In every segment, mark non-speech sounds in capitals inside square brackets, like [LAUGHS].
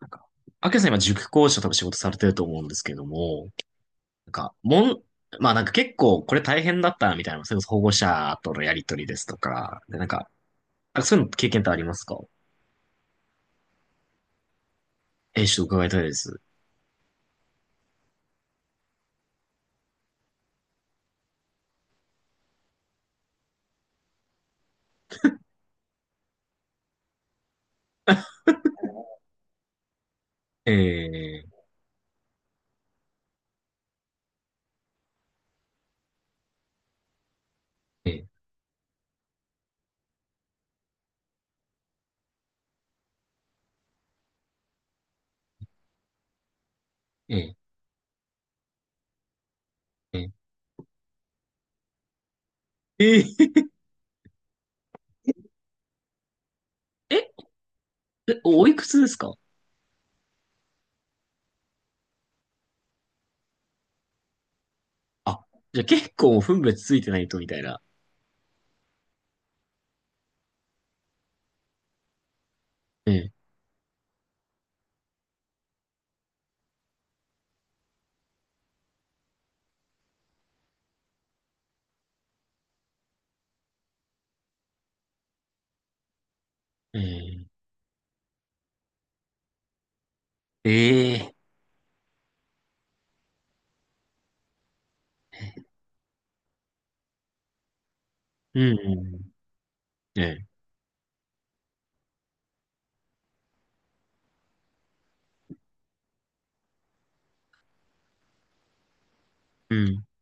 なんか、アキラさん今塾講師と多分仕事されてると思うんですけども、なんか、もん、まあ、結構これ大変だったなみたいな、それこそ保護者とのやりとりですとか、でなんか、あ、そういうの経験ってありますか？ちょっと伺いたいです。えー、えー、えー、えー、えー、え、おいくつですか？あ、じゃあ結構分別ついてないとみたいな。えー、えー、えー、うん、うん、えー、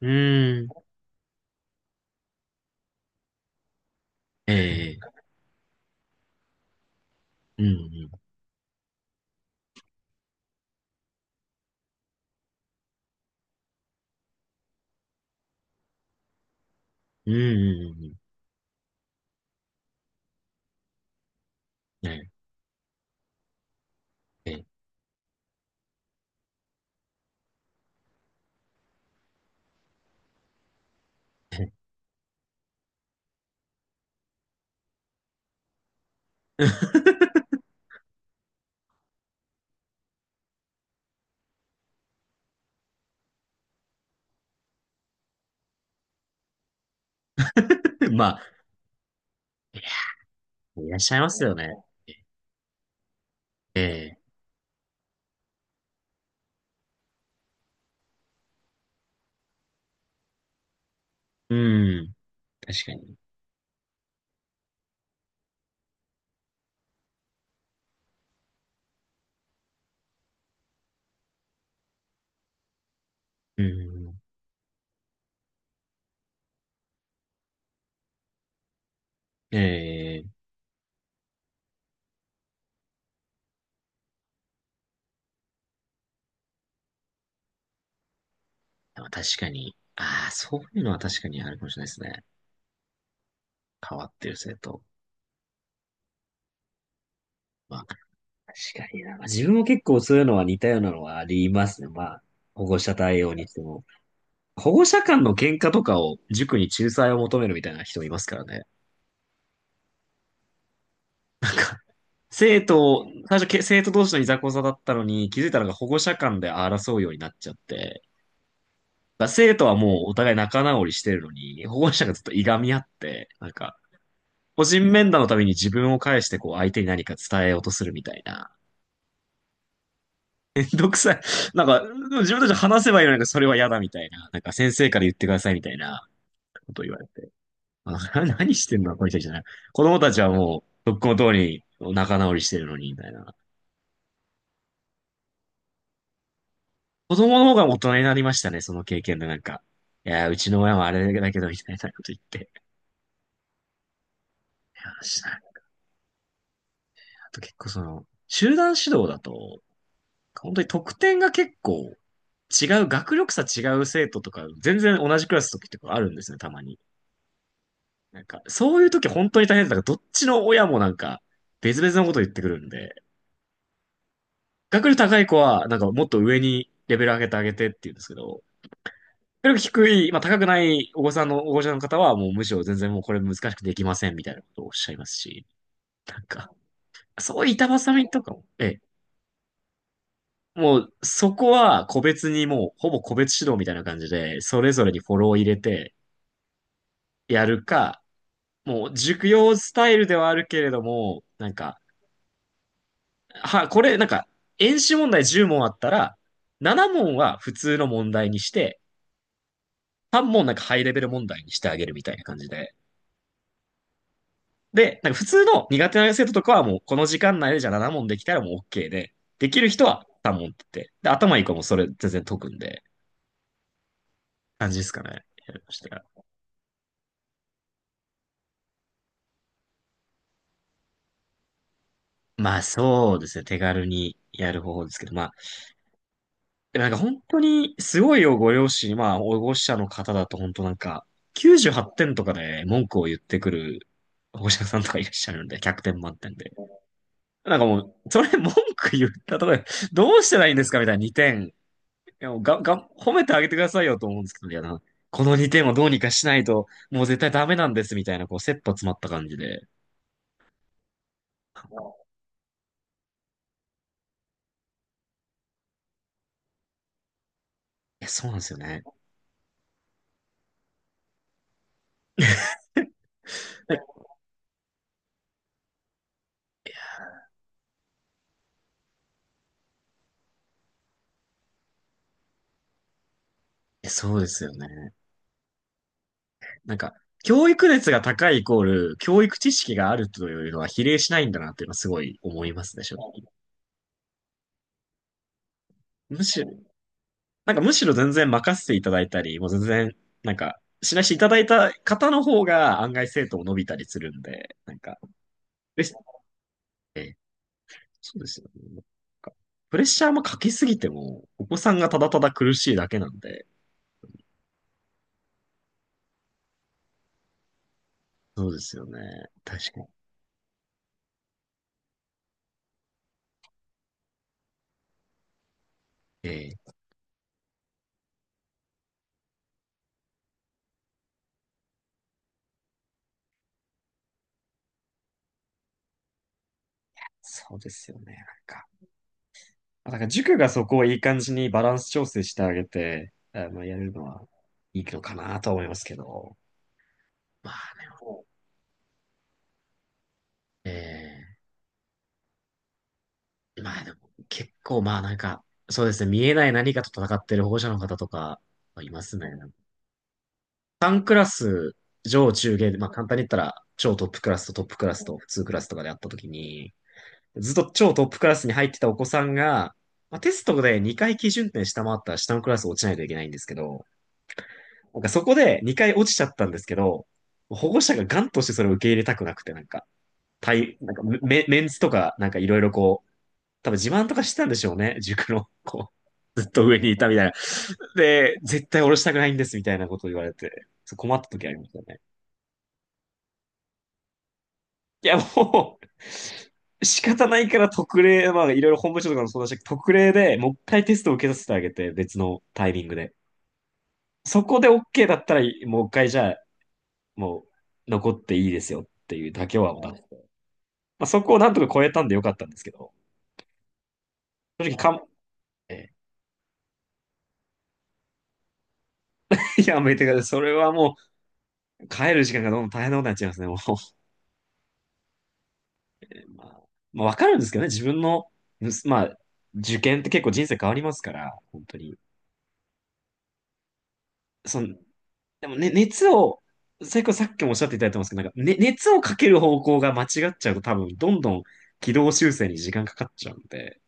うん、うん、えー、うん、うん、うん、うん、うん、えー、えー、え [LAUGHS] まあ、いらっしゃいますよね。ええ。うん。確かに。うん。ええ。でも確かに。ああ、そういうのは確かにあるかもしれないですね。変わってる生徒。まあ、確かにな。まあ、自分も結構そういうのは似たようなのはありますね。まあ、保護者対応にしても。保護者間の喧嘩とかを塾に仲裁を求めるみたいな人もいますからね。生徒、最初け、生徒同士のいざこざだったのに、気づいたのが保護者間で争うようになっちゃって、だから生徒はもうお互い仲直りしてるのに、保護者がずっといがみ合って、個人面談のために自分を介してこう相手に何か伝えようとするみたいな。[LAUGHS] めんどくさい。でも自分たちで話せばいいのにそれは嫌だみたいな。なんか先生から言ってくださいみたいなことを言われて。あ、な何してんのこの人たちじゃない。子供たちはもう、とっくの通り仲直りしてるのに、みたいな。子供の方が大人になりましたね、その経験でいやー、うちの親はあれだけど、みたいなこと言って。いや、しないな。あと結構その、集団指導だと、本当に得点が結構違う、学力差違う生徒とか、全然同じクラスの時とかあるんですね、たまに。そういう時本当に大変だから、どっちの親も別々のこと言ってくるんで、学力高い子は、なんかもっと上にレベル上げてあげてって言うんですけど、学力低い、まあ高くないお子さんの、お子ちゃんの方は、もうむしろ全然もうこれ難しくできませんみたいなことをおっしゃいますし、なんか、そういう板挟みとかも、ええ、もう、そこは個別にもう、ほぼ個別指導みたいな感じで、それぞれにフォローを入れてやるか、もう、塾用スタイルではあるけれども、なんか、は、これ、なんか、演習問題10問あったら、7問は普通の問題にして、3問なんかハイレベル問題にしてあげるみたいな感じで。で、なんか普通の苦手な生徒とかはもう、この時間内でじゃあ7問できたらもう OK で、できる人は3問って言って、で、頭いい子もそれ全然解くんで、感じですかね。やりました。まあ、そうですね。手軽にやる方法ですけど、まあ、でもなんか本当にすごいよ、ご両親、まあ、保護者の方だと本当98点とかで文句を言ってくる保護者さんとかいらっしゃるんで、100点満点で。なんかもう、それ文句言ったとこで、どうしたらいいんですかみたいな2点。いやもうが、が、褒めてあげてくださいよと思うんですけど、いやな、この2点をどうにかしないと、もう絶対ダメなんですみたいな、こう、切羽詰まった感じで。いや、そうなんですよね。いや、そうですよね。なんか、教育熱が高いイコール、教育知識があるというのは比例しないんだなっていうのはすごい思いますね、正直。むしろ、むしろ全然任せていただいたり、もう全然、しないしていただいた方の方が案外生徒も伸びたりするんで、でそうですよね。かプレッシャーもかけすぎても、お子さんがただただ苦しいだけなんで、そうですよね。確かに。ええ、そうですよね。あ、だから塾がそこをいい感じにバランス調整してあげて、あの、やるのはいいのかなと思いますけど。まあでも、ええ、まあでも結構まあそうですね、見えない何かと戦ってる保護者の方とかいますね。3クラス、上中下で、まあ簡単に言ったら超トップクラスとトップクラスと普通クラスとかであったときに、ずっと超トップクラスに入ってたお子さんが、まあ、テストで2回基準点下回ったら下のクラス落ちないといけないんですけど、なんかそこで2回落ちちゃったんですけど、保護者がガンとしてそれを受け入れたくなくて、対、なんかメ、メンツとか、なんかいろいろこう、多分自慢とかしてたんでしょうね。[LAUGHS] 塾の、こう、ずっと上にいたみたいな。で、絶対降ろしたくないんですみたいなことを言われて、そう困った時ありましたね。いや、もう仕方ないから特例、まあいろいろ本部長とかもそうだし、特例でもう一回テストを受けさせてあげて、別のタイミングで。そこで OK だったら、もう一回じゃあもう残っていいですよっていうだけは、まあ、そこをなんとか超えたんでよかったんですけど、正直かん、えやめてください。それはもう帰る時間がどんどん大変なことになっちゃいますね、もう。[LAUGHS] まあ、まあ、わかるんですけどね、自分の、まあ、受験って結構人生変わりますから、本当に。その、でもね、熱を、最後さっきもおっしゃっていただいてますけど、ね、熱をかける方向が間違っちゃうと多分、どんどん軌道修正に時間かかっちゃうんで、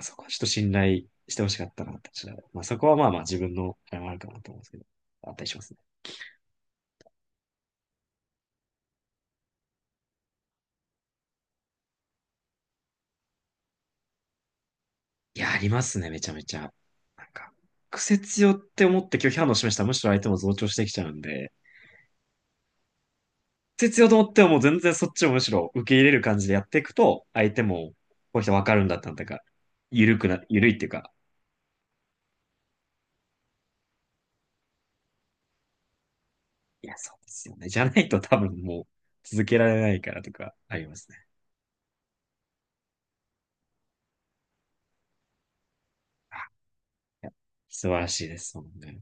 そこはちょっと信頼してほしかったなって私は。まあ、そこはまあまあ自分のあれもあるかなと思うんですけど、あったりしますね。いや、ありますね、めちゃめちゃ。なんか、癖強って思って拒否反応示したらむしろ相手も増長してきちゃうんで、癖強と思ってはもう全然そっちをむしろ受け入れる感じでやっていくと、相手もこういう人わかるんだったんだか、緩くな、緩いっていうか、いや、そうですよね。じゃないと多分もう続けられないからとかありますね。あ、いや、素晴らしいですもんね。